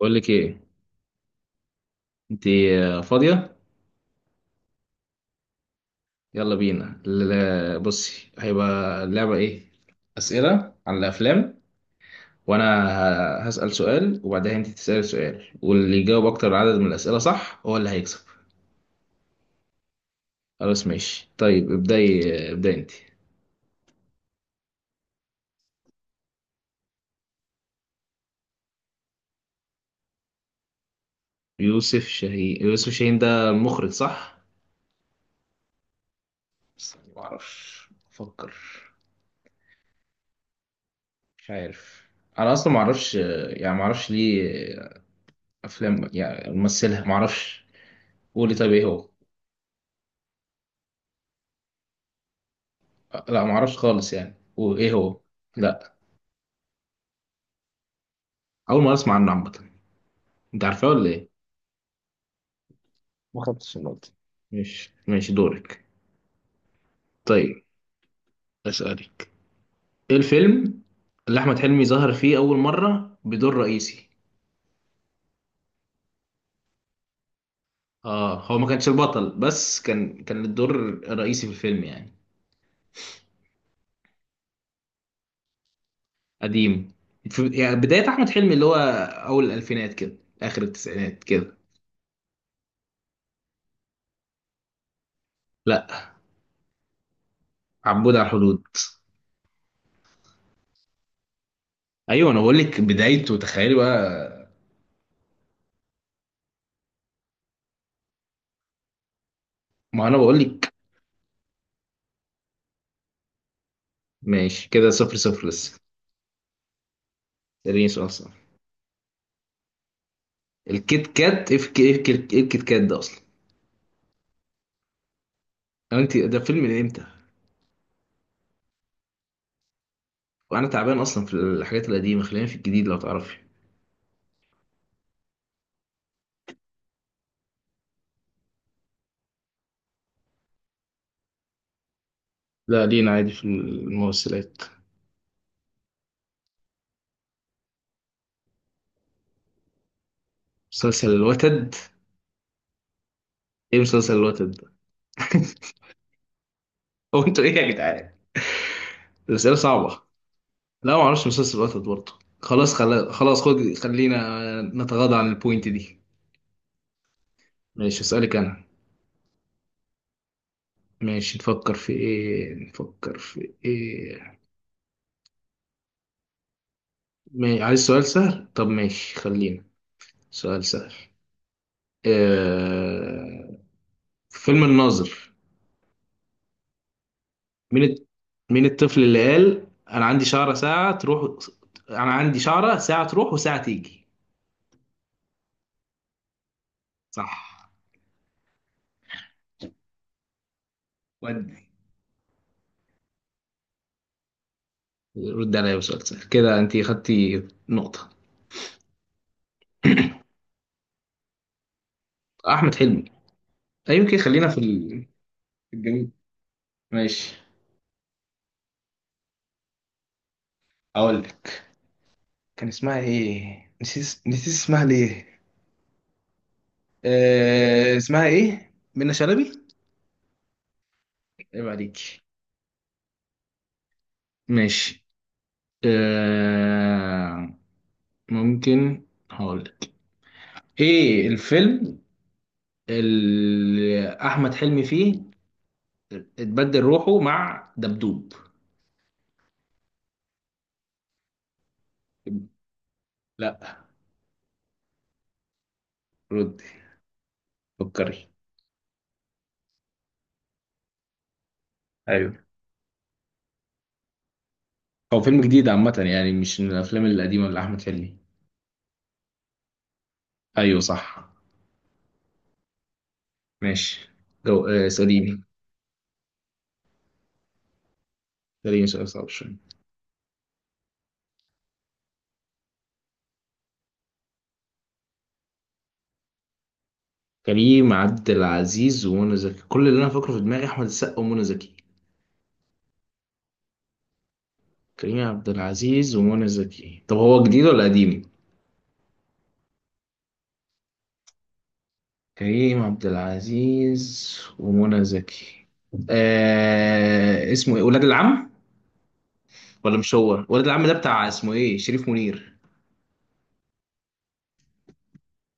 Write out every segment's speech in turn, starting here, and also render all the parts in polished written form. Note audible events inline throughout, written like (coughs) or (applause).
بقول لك ايه؟ انت فاضيه؟ يلا بينا، بصي، هيبقى اللعبه ايه؟ اسئله عن الافلام. وانا هسال سؤال، وبعدها انت تسالي سؤال، واللي يجاوب اكتر عدد من الاسئله صح هو اللي هيكسب. خلاص ماشي طيب. ابداي، ابداي انت. يوسف شاهين، يوسف شاهين ده المخرج صح؟ بس ما اعرفش، افكر. مش عارف. انا اصلا ما اعرفش، يعني ما اعرفش ليه. افلام يعني ممثلها ما اعرفش. قولي طيب، ايه هو؟ لا، ما اعرفش خالص يعني، وايه هو؟ لا، اول مره اسمع عنه عامه. انت عارفاه ولا ايه؟ ما خدتش النقطة. ماشي ماشي، دورك. طيب، اسالك. ايه الفيلم اللي احمد حلمي ظهر فيه اول مره بدور رئيسي؟ اه، هو ما كانش البطل، بس كان الدور الرئيسي في الفيلم يعني. قديم، في يعني بدايه احمد حلمي، اللي هو اول الالفينات كده، اخر التسعينات كده. لا، عبود على الحدود. ايوه، انا بقول لك بدايته، تخيلي بقى. ما انا بقول لك. ماشي، كده صفر صفر لسه. اديني سؤال صح. الكيت كات؟ ايه الك- إيه الك- إيه الكيت كات ده اصلا؟ أو انت، ده فيلم من امتى؟ وانا تعبان اصلا في الحاجات القديمه، خلينا في الجديد لو تعرفي. لا، لينا عادي في الممثلات. مسلسل الوتد؟ ايه مسلسل الوتد ده؟ (laughs) هو انتوا ايه يا جدعان؟ الاسئله صعبه. لا، ما اعرفش مسلسل الوتد برضه. خلاص، خد. خلينا نتغاضى عن البوينت دي. ماشي، اسالك انا. ماشي، نفكر في ايه، نفكر في ايه. ما... عايز سؤال سهل؟ طب ماشي خلينا. سؤال سهل. آه... في فيلم الناظر، مين الت- مين الطفل اللي قال انا عندي شعرة ساعة تروح، انا عندي شعرة ساعة تروح وساعة تيجي؟ صح. ودي. رد عليا بسؤال سهل، كده انت خدتي نقطة. (coughs) (clears throat) احمد حلمي. أيوة يمكن. خلينا في في الجميل. ماشي. اقول لك، كان اسمها ايه؟ نسيت، نسيت اسمها ليه. اسمها ايه، منى شلبي. عيب عليك. ماشي. آه... ممكن هقولك، ايه الفيلم اللي احمد حلمي فيه اتبدل روحه مع دبدوب؟ لا. ردي، فكري. ايوه، هو فيلم جديد عامة يعني، مش من الافلام القديمة اللي احمد حلمي. ايوه صح. ماشي. جو... آه سليم. سليم، سؤال صعب شوية. كريم عبد العزيز ومنى زكي؟ كل اللي انا فاكره في دماغي احمد السقا ومنى زكي. كريم عبد العزيز ومنى زكي. طب هو جديد ولا قديم؟ كريم عبد العزيز ومنى زكي. اسمه ايه، ولاد العم؟ ولا مش هو. ولاد العم ده بتاع اسمه ايه، شريف منير؟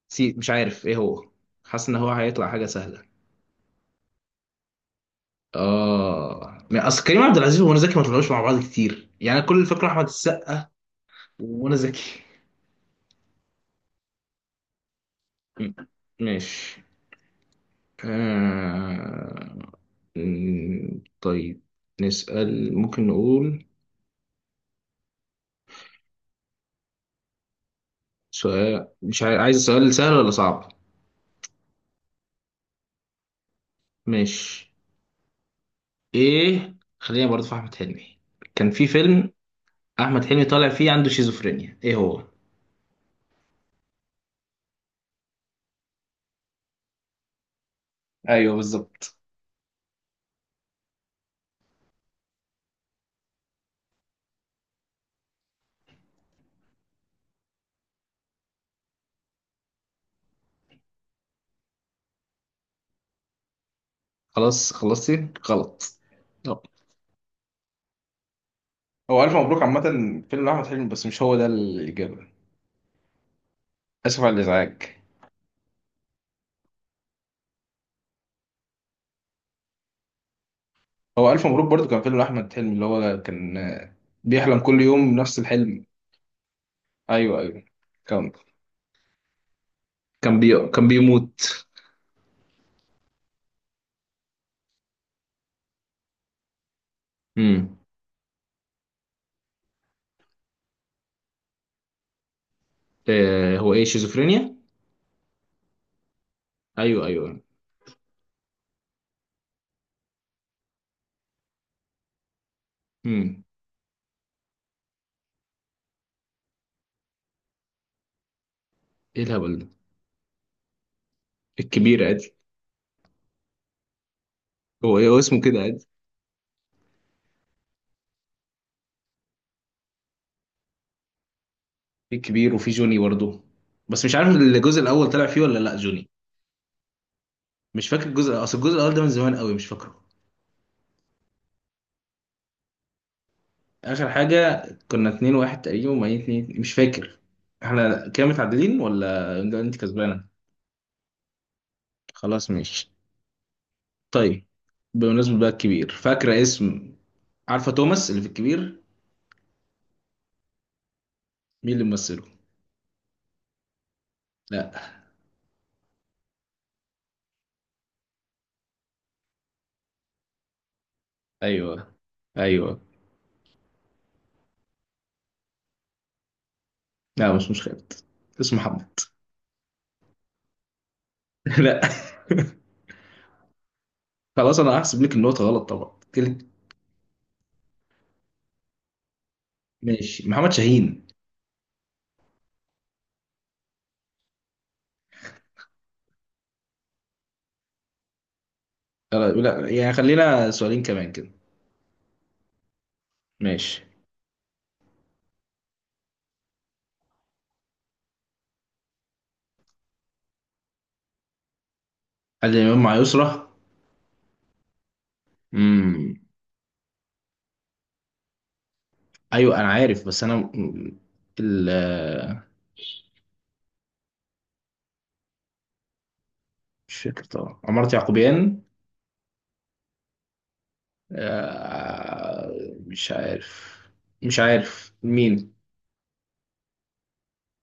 سي، مش عارف ايه هو. حاسس ان هو هيطلع حاجه سهله. اه، ما اصل كريم عبد العزيز ومنى زكي ما طلعوش مع بعض كتير يعني، كل الفكره احمد السقا ومنى زكي. م- ماشي. آه... طيب، نسأل. ممكن نقول سؤال، مش عايز سؤال سهل ولا صعب؟ ماشي. ايه، خلينا برضه في احمد حلمي. كان في فيلم، احمد حلمي طالع فيه عنده شيزوفرينيا، ايه هو؟ ايوه بالظبط. خلاص خلصتي غلط. لا. هو الف مبروك عامه، فيلم احمد حلمي، بس مش هو ده الاجابه. اسف على الازعاج. هو الف مبروك برضو كان فيلم احمد حلمي اللي هو كان، بيحلم كل يوم نفس الحلم. ايوه ايوه، كان كان بيموت. امم. إيه هو، ايه شيزوفرينيا؟ ايوه ايوه. امم. ايه الهبل ده؟ الكبيرة عادي. هو ايه، هو اسمه كده؟ في كبير وفي جوني برضه، بس مش عارف الجزء الاول طلع فيه ولا لا جوني. مش فاكر الجزء. اصل الجزء الاول ده من زمان قوي، مش فاكره. اخر حاجه كنا 2-1 تقريبا، وميت اتنين مش فاكر. احنا كده متعادلين ولا ده انت كسبانه؟ خلاص ماشي. طيب، بمناسبه بقى الكبير، فاكره اسم؟ عارفه توماس اللي في الكبير؟ مين اللي ممثله؟ لا. ايوه ايوه. لا، مش خالد، اسمه محمد. (laughs) لا. خلاص، انا هحسب لك النقطه غلط طبعا. ماشي. محمد شاهين. خلاص، لا يعني خلينا سؤالين كمان كده. ماشي. هل الإمام مع يسرى؟ امم. أيوه أنا عارف، بس أنا مم، ال آه، مش فاكر طبعا. عمارة يعقوبيان؟ آه، مش عارف مش عارف مين.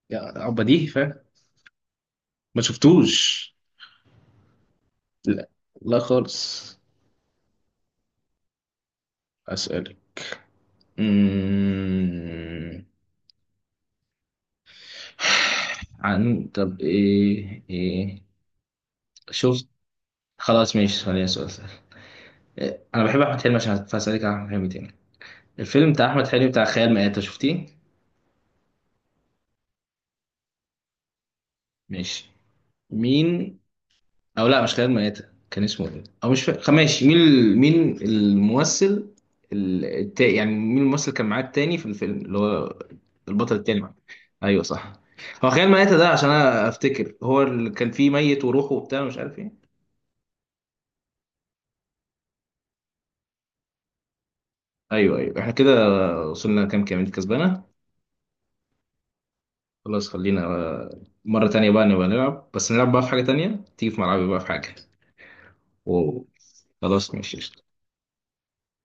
يا بديه فاهم. ما شفتوش. لا، لا خالص. أسألك. امم عن طب، إيه، إيه؟ شفت. خلاص ماشي، ثانية سؤال. انا بحب احمد حلمي، عشان فاسالك عن احمد حلمي تاني. الفيلم بتاع احمد حلمي بتاع خيال مآتة، شفتيه؟ ماشي. مين؟ او لا، مش خيال مآتة. كان اسمه ايه، او مش فاكر. ماشي. مين الممثل، يعني مين الممثل اللي كان معاه التاني في الفيلم، اللي هو البطل التاني معاه؟ ايوه صح. هو خيال مآتة ده، عشان انا افتكر هو اللي كان فيه ميت وروحه وبتاع مش عارف ايه. ايوه ايوه. احنا كده وصلنا كام كام؟ انت كسبانه. خلاص، خلينا مرة تانية بقى نبقى نلعب، بس نلعب بقى في حاجة تانية تيجي في ملعبي بقى في حاجة. اوه. خلاص ماشي.